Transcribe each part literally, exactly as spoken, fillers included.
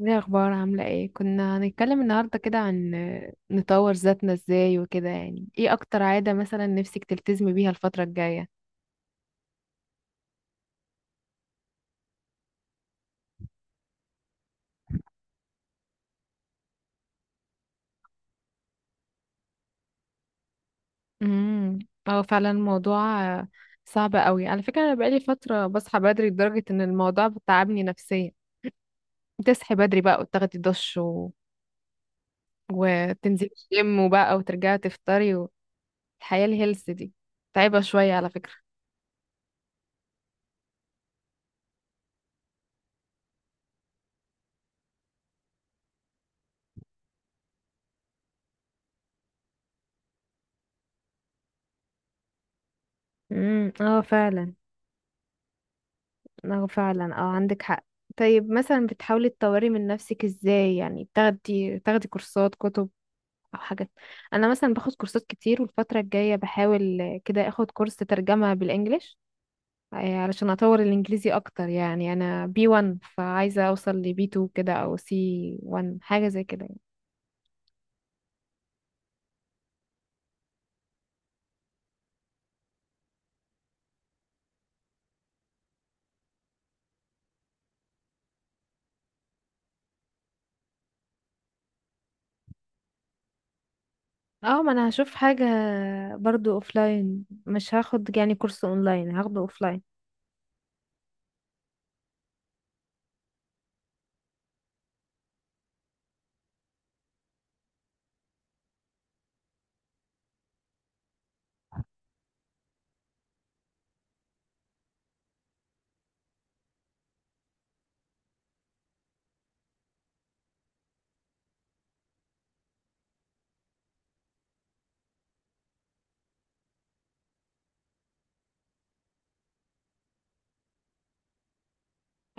ايه الاخبار؟ عامله ايه؟ كنا هنتكلم النهارده كده عن آه، نطور ذاتنا ازاي وكده. يعني ايه اكتر عاده مثلا نفسك تلتزمي بيها الفتره الجايه؟ امم. اه فعلا الموضوع آه، صعب قوي على فكره. انا بقالي فتره بصحى بدري لدرجه ان الموضوع بتعبني نفسيا. تصحي بدري بقى وتاخدي دش و... وتنزلي الجيم وبقى وترجعي تفطري. والحياه الهيلث دي تعبه شويه على فكره. امم، اه فعلا. اه فعلا، اه عندك حق. طيب مثلا بتحاولي تطوري من نفسك ازاي؟ يعني تاخدي تاخدي كورسات، كتب او حاجات؟ انا مثلا باخد كورسات كتير، والفترة الجاية بحاول كده اخد كورس ترجمة بالانجليش، آه، علشان اطور الانجليزي اكتر. يعني انا بي 1 فعايزة اوصل ل بي 2 كده او سي 1 حاجة زي كده يعني. اه ما انا هشوف حاجة برضو اوفلاين، مش هاخد يعني كورس اونلاين، هاخده اوفلاين.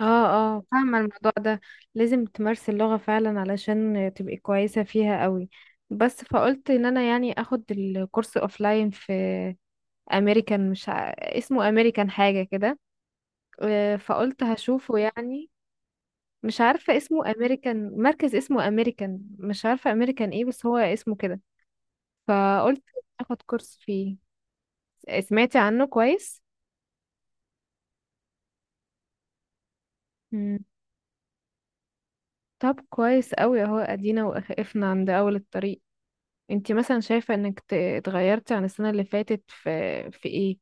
اه اه فاهمة الموضوع ده. لازم تمارسي اللغة فعلا علشان تبقي كويسة فيها قوي. بس فقلت ان انا يعني اخد الكورس اوفلاين في امريكان، مش ع... اسمه امريكان حاجة كده. آه، فقلت هشوفه يعني. مش عارفة اسمه امريكان مركز، اسمه امريكان، مش عارفة امريكان ايه بس هو اسمه كده. فقلت اخد كورس فيه. سمعتي عنه كويس؟ مم. طب كويس قوي اهو، ادينا وقفنا عند اول الطريق. انتي مثلا شايفة انك ت- اتغيرتي عن السنة اللي فاتت في في ايه؟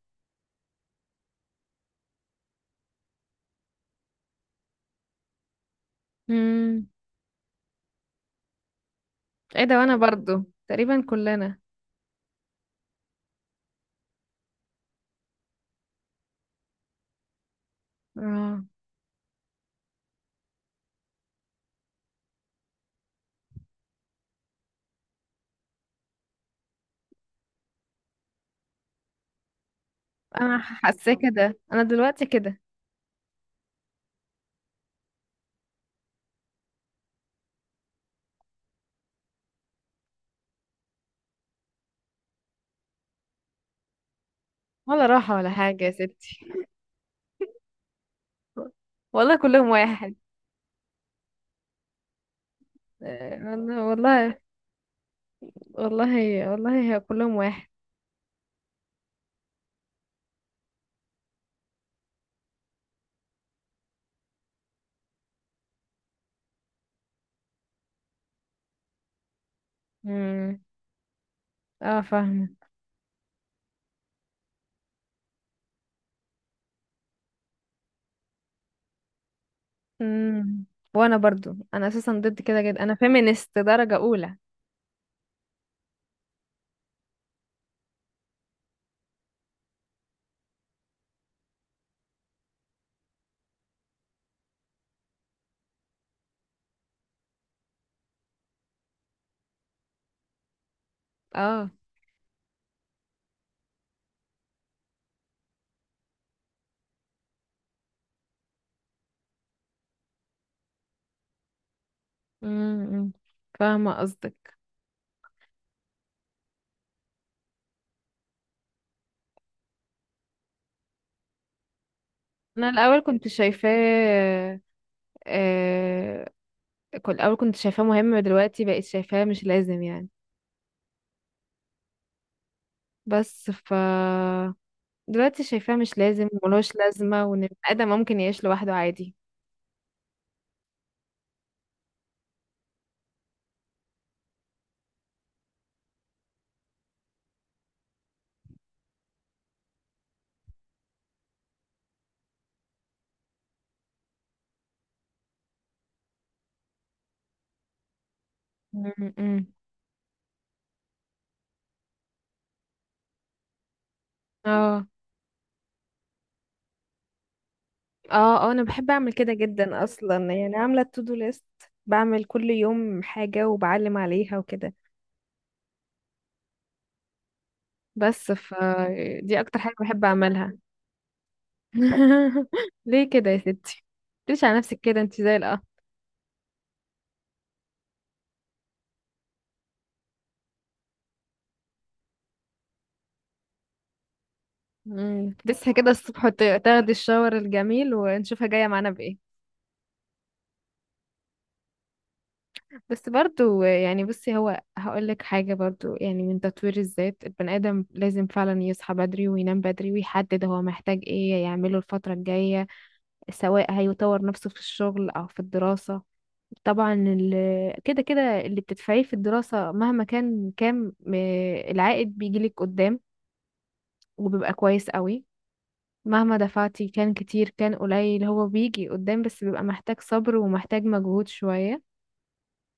امم. ايه ده، وانا برضو تقريبا كلنا. اه. انا حاسة كده، انا دلوقتي كده. ولا راحة ولا حاجة يا ستي. والله كلهم واحد. آه، أنا والله، والله والله هي كلهم واحد. امم، اه فاهمة. امم. وانا برضو، انا اساسا ضد كده جدا، انا فيمينست درجة اولى. اه. امم، فاهمة قصدك. انا الاول كنت شايفاه، آه كنت الاول كنت شايفاه مهم، دلوقتي بقيت شايفاه مش لازم يعني. بس ف دلوقتي شايفاه مش لازم وملوش لازمه، وان البني ادم ممكن يعيش لوحده عادي. مم، مم. اه اه اه انا بحب اعمل كده جدا اصلا. يعني عامله التو دو ليست، بعمل كل يوم حاجه وبعلم عليها وكده. بس ف دي اكتر حاجه بحب اعملها. ليه كده يا ستي؟ ليش على نفسك كده، انت زي القمر. مم. تصحي كده الصبح وت- تاخدي الشاور الجميل، ونشوفها جاية معانا بإيه. بس برضو يعني بصي، هو هقولك حاجة برضو، يعني من تطوير الذات البني آدم لازم فعلا يصحى بدري وينام بدري، ويحدد هو محتاج إيه يعمله الفترة الجاية، سواء هيطور نفسه في الشغل أو في الدراسة. طبعا ال- كده كده اللي بتدفعيه في الدراسة مهما كان كام، آه، العائد بيجيلك قدام وبيبقى كويس قوي. مهما دفعتي، كان كتير كان قليل، هو بيجي قدام بس بيبقى محتاج صبر ومحتاج مجهود شوية.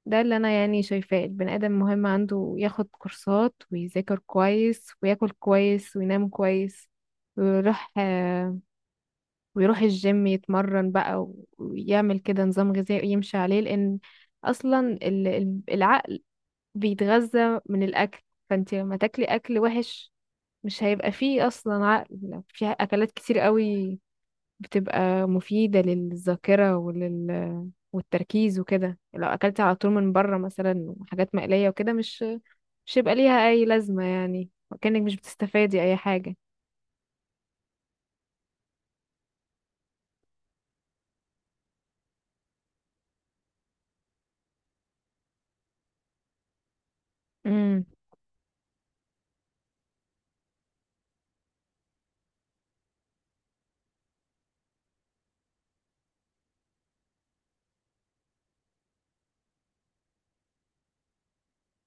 ده اللي انا يعني شايفاه. البني ادم مهم عنده ياخد كورسات ويذاكر كويس وياكل كويس وينام كويس، ويروح آه، ويروح الجيم يتمرن بقى، ويعمل كده نظام غذائي يمشي عليه. لان اصلا ال- ال- العقل بيتغذى من الاكل. فانت لما تاكلي اكل وحش مش هيبقى فيه اصلا عقل. في اكلات كتير قوي بتبقى مفيدة للذاكرة ولل والتركيز وكده. لو أكلت على طول من بره مثلا حاجات مقلية وكده مش مش هيبقى ليها أي لازمة، يعني كأنك مش بتستفادي أي حاجة. امم.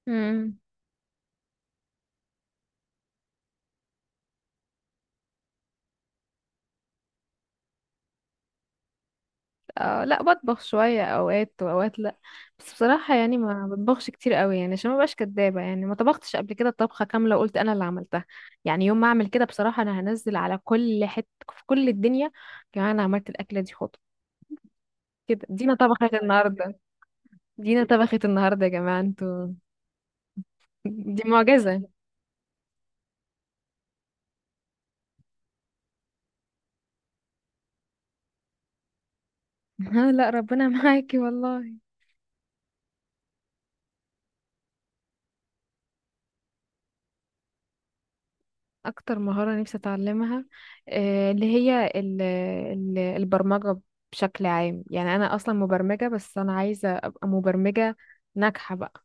امم. آه لا، بطبخ شوية اوقات واوقات لا. بس بصراحة يعني ما بطبخش كتير قوي، يعني عشان ما بقاش كدابة، يعني ما طبختش قبل كده طبخة كاملة وقلت انا اللي عملتها. يعني يوم ما اعمل كده بصراحة انا هنزل على كل حتة في كل الدنيا. كمان انا عملت الاكلة دي خطوة كده. دينا طبخت النهاردة، دينا طبخت النهارده يا جماعه انتوا. دي معجزه. ها لا ربنا معاكي والله. اكتر مهاره نفسي اتعلمها، آه، اللي هي ال- ال- البرمجه بشكل عام. يعني انا اصلا مبرمجه، بس انا عايزه ابقى مبرمجه ناجحه بقى.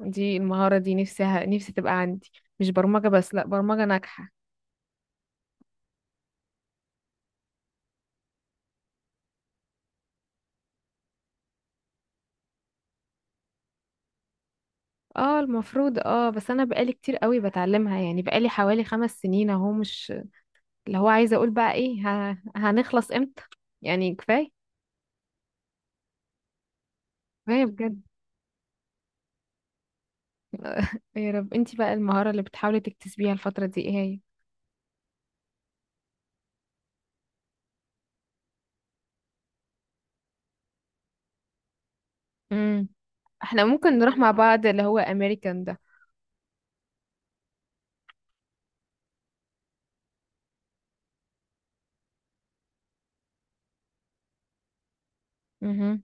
دي المهاره دي نفسها نفسي تبقى عندي. مش برمجه بس، لا، برمجه ناجحه. اه المفروض. اه بس انا بقالي كتير قوي بتعلمها، يعني بقالي حوالي خمس سنين اهو. مش اللي هو عايزه اقول بقى ايه، ه- هنخلص امتى يعني؟ كفايه. كفاية بجد. يا رب. انتي بقى المهارة اللي بتحاولي تكتسبيها الفترة دي ايه هي؟ امم. احنا ممكن نروح مع بعض، اللي هو امريكان ده. امم.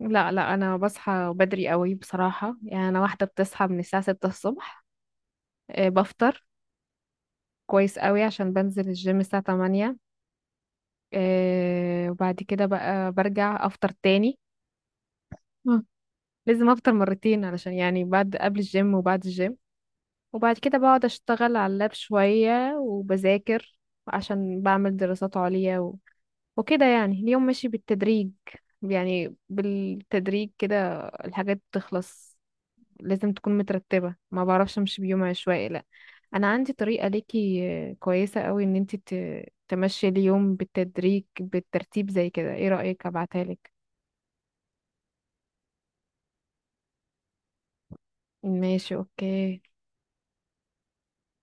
لا لا انا بصحى بدري قوي بصراحة. يعني انا واحدة بتصحى من الساعة ستة الصبح، آه، بفطر كويس قوي عشان بنزل الجيم الساعة تمانية. آه، وبعد كده بقى برجع افطر تاني. مم. لازم افطر مرتين، علشان يعني بعد، قبل الجيم وبعد الجيم. وبعد كده بقعد اشتغل على اللاب شوية وبذاكر، عشان بعمل دراسات عليا وكده. يعني اليوم ماشي بالتدريج، يعني بالتدريج كده الحاجات بتخلص. لازم تكون مترتبة، ما بعرفش امشي بيوم عشوائي لا. انا عندي طريقة ليكي آه، كويسة قوي ان انت تمشي اليوم بالتدريج بالترتيب زي كده، ايه رأيك ابعتها لك؟ ماشي اوكي.